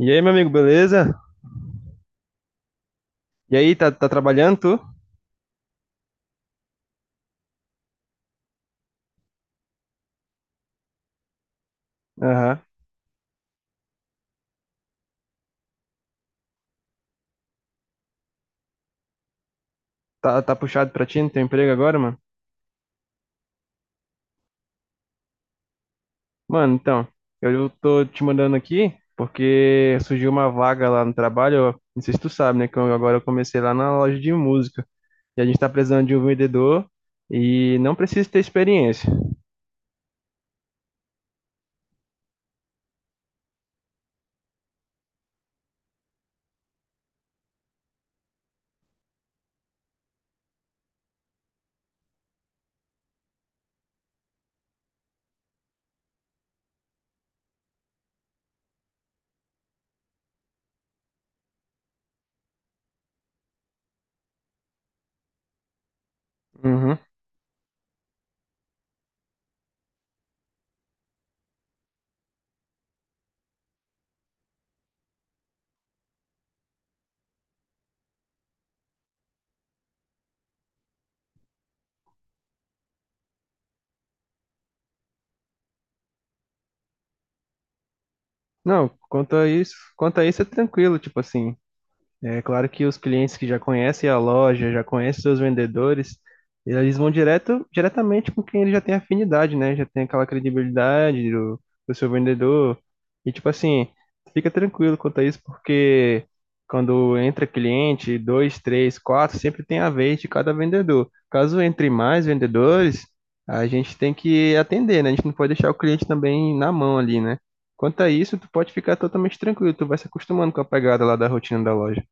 E aí, meu amigo, beleza? E aí, tá trabalhando tu? Aham. Tá puxado pra ti no teu emprego agora, mano? Mano, então, eu tô te mandando aqui porque surgiu uma vaga lá no trabalho, não sei se tu sabe, né, que agora eu comecei lá na loja de música. E a gente tá precisando de um vendedor e não precisa ter experiência. Uhum. Não, quanto a isso é tranquilo, tipo assim. É claro que os clientes que já conhecem a loja, já conhecem seus vendedores, eles vão diretamente com quem ele já tem afinidade, né? Já tem aquela credibilidade do seu vendedor. E tipo assim, fica tranquilo quanto a isso, porque quando entra cliente, dois, três, quatro, sempre tem a vez de cada vendedor. Caso entre mais vendedores, a gente tem que atender, né? A gente não pode deixar o cliente também na mão ali, né? Quanto a isso, tu pode ficar totalmente tranquilo, tu vai se acostumando com a pegada lá da rotina da loja.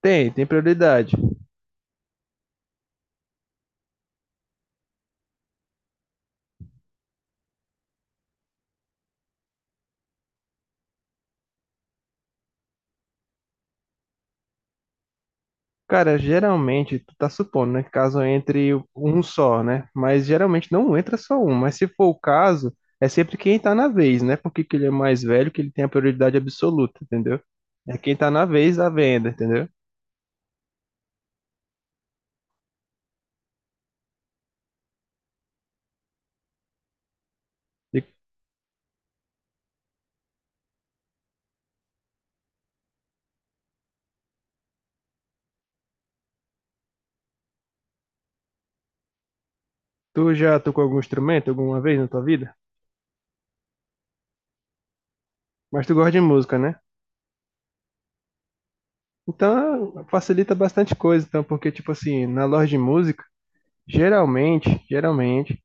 Tem prioridade. Cara, geralmente, tu tá supondo, né, que caso entre um só, né? Mas geralmente não entra só um. Mas se for o caso, é sempre quem tá na vez, né? Porque que ele é mais velho, que ele tem a prioridade absoluta, entendeu? É quem tá na vez da venda, entendeu? E tu já tocou algum instrumento alguma vez na tua vida? Mas tu gosta de música, né? Então, facilita bastante coisa, então, porque, tipo assim, na loja de música, geralmente,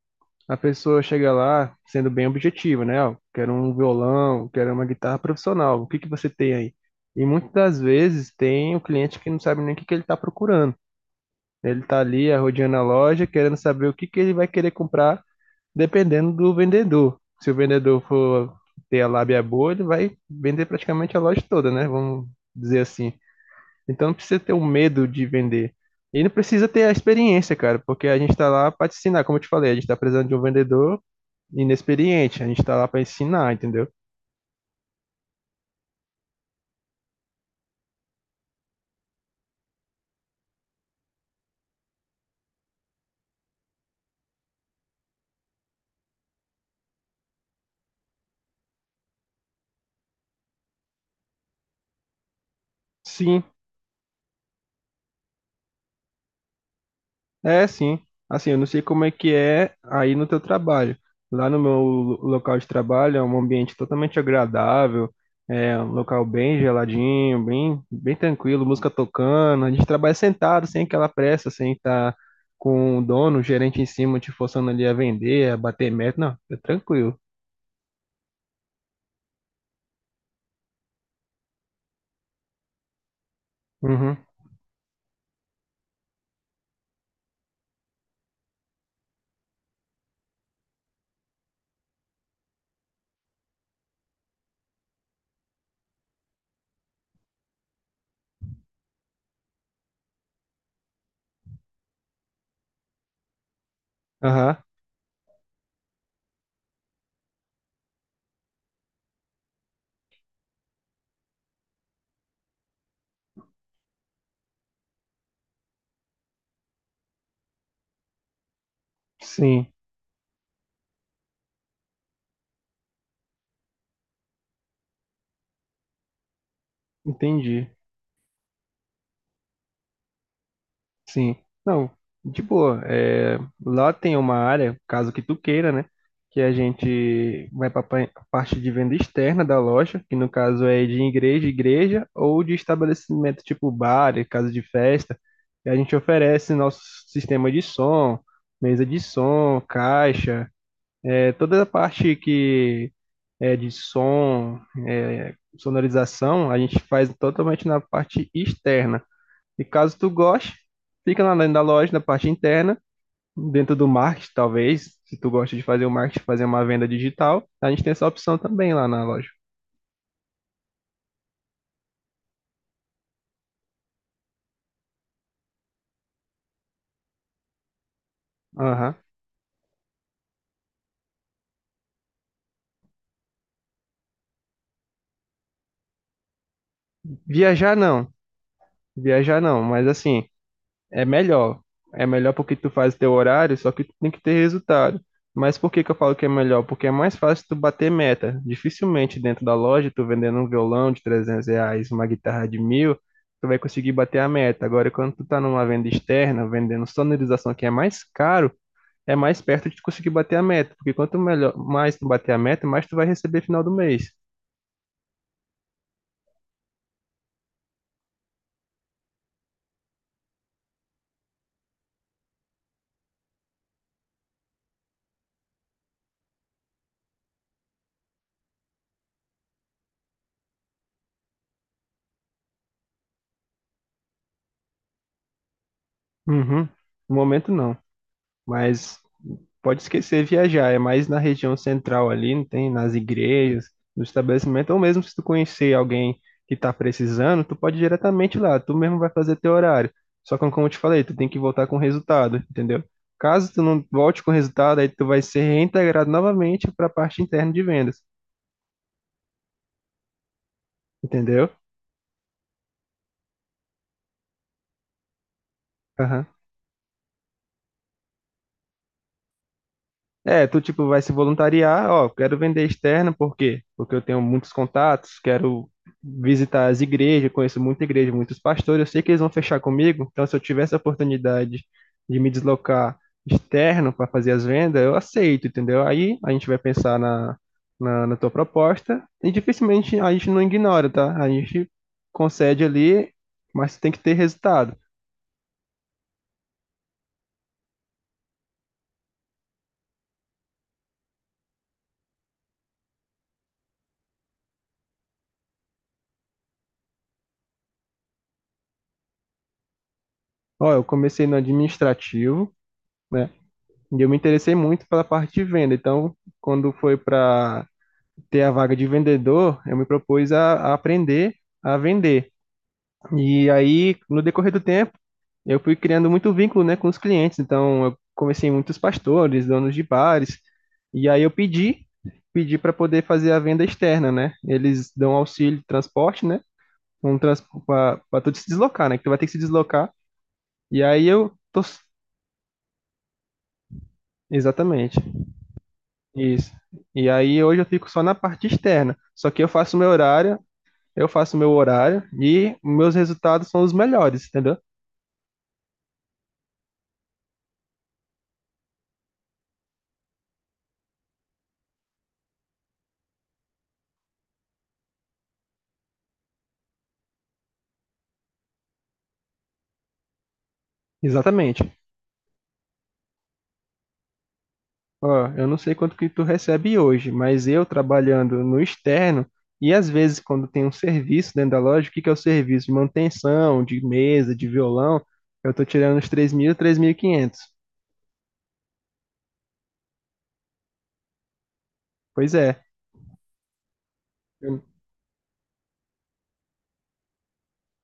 a pessoa chega lá sendo bem objetiva, né? Ó, quero um violão, quero uma guitarra profissional. O que que você tem aí? E muitas das vezes tem o cliente que não sabe nem o que que ele está procurando. Ele está ali arrodeando a loja, querendo saber o que que ele vai querer comprar, dependendo do vendedor. Se o vendedor for ter a lábia boa, ele vai vender praticamente a loja toda, né? Vamos dizer assim. Então não precisa ter o medo de vender. E não precisa ter a experiência, cara, porque a gente está lá para te ensinar, como eu te falei, a gente está precisando de um vendedor inexperiente, a gente está lá para ensinar, entendeu? Sim, é, sim. Assim, eu não sei como é que é aí no teu trabalho. Lá no meu local de trabalho é um ambiente totalmente agradável, é um local bem geladinho, bem, bem tranquilo, música tocando. A gente trabalha sentado, sem aquela pressa, sem estar com o dono, o gerente em cima te forçando ali a vender, a bater meta. Não, é tranquilo. Uhum. Aham. Sim, entendi. Sim, não, de boa. É, lá tem uma área, caso que tu queira, né? Que a gente vai para a parte de venda externa da loja, que no caso é de igreja, igreja ou de estabelecimento tipo bar, e casa de festa. E a gente oferece nosso sistema de som, mesa de som, caixa, toda a parte que é de som, sonorização, a gente faz totalmente na parte externa. E caso tu goste, fica lá dentro da loja, na parte interna, dentro do marketing, talvez. Se tu gosta de fazer o marketing, fazer uma venda digital, a gente tem essa opção também lá na loja. Aham. Viajar não, viajar não, mas assim. É melhor. É melhor porque tu faz teu horário, só que tu tem que ter resultado. Mas por que que eu falo que é melhor? Porque é mais fácil tu bater meta. Dificilmente dentro da loja, tu vendendo um violão de R$ 300, uma guitarra de 1.000, tu vai conseguir bater a meta. Agora, quando tu tá numa venda externa, vendendo sonorização que é mais caro, é mais perto de tu conseguir bater a meta. Porque quanto melhor, mais tu bater a meta, mais tu vai receber final do mês. Uhum. No momento não. Mas pode esquecer viajar, é mais na região central ali, não tem nas igrejas, no estabelecimento, ou mesmo se tu conhecer alguém que tá precisando, tu pode ir diretamente lá, tu mesmo vai fazer teu horário. Só que como eu te falei, tu tem que voltar com resultado, entendeu? Caso tu não volte com resultado, aí tu vai ser reintegrado novamente para a parte interna de vendas, entendeu? Aham. É, tu tipo vai se voluntariar, ó, quero vender externa, por quê? Porque eu tenho muitos contatos, quero visitar as igrejas, conheço muita igreja, muitos pastores, eu sei que eles vão fechar comigo, então se eu tiver essa oportunidade de me deslocar externo para fazer as vendas, eu aceito, entendeu? Aí a gente vai pensar na tua proposta e dificilmente a gente não ignora, tá? A gente concede ali, mas tem que ter resultado. Ó, eu comecei no administrativo, né? E eu me interessei muito pela parte de venda. Então, quando foi para ter a vaga de vendedor, eu me propus a aprender a vender. E aí, no decorrer do tempo, eu fui criando muito vínculo, né, com os clientes. Então, eu comecei muitos pastores, donos de bares. E aí eu pedi para poder fazer a venda externa, né? Eles dão auxílio de transporte, né? Um trans para tu se deslocar, né? Que tu vai ter que se deslocar. E aí eu tô exatamente. Isso. E aí hoje eu fico só na parte externa. Só que eu faço meu horário e meus resultados são os melhores, entendeu? Exatamente. Ó, eu não sei quanto que tu recebe hoje, mas eu trabalhando no externo e às vezes quando tem um serviço dentro da loja, o que que é o serviço? De manutenção, de mesa, de violão, eu tô tirando uns 3.000, 3.500. Pois é. Eu-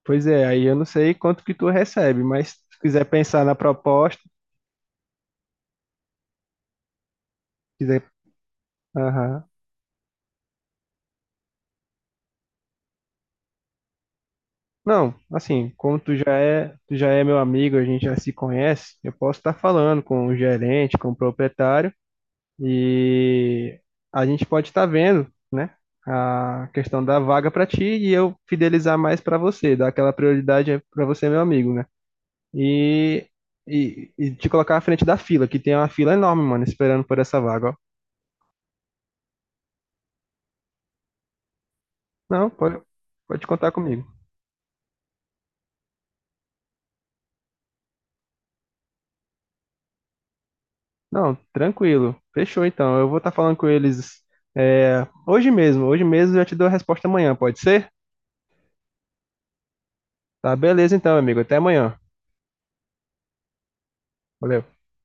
Pois é, aí eu não sei quanto que tu recebe, mas se quiser pensar na proposta, quiser, não, assim, como tu já é meu amigo, a gente já se conhece, eu posso estar falando com o gerente, com o proprietário e a gente pode estar vendo, né, a questão da vaga para ti e eu fidelizar mais para você, dar aquela prioridade para você, meu amigo, né? E, e te colocar à frente da fila, que tem uma fila enorme, mano, esperando por essa vaga, ó. Não, pode contar comigo. Não, tranquilo. Fechou então. Eu vou estar falando com eles hoje mesmo. Hoje mesmo eu já te dou a resposta amanhã, pode ser? Tá, beleza então, amigo. Até amanhã. Valeu.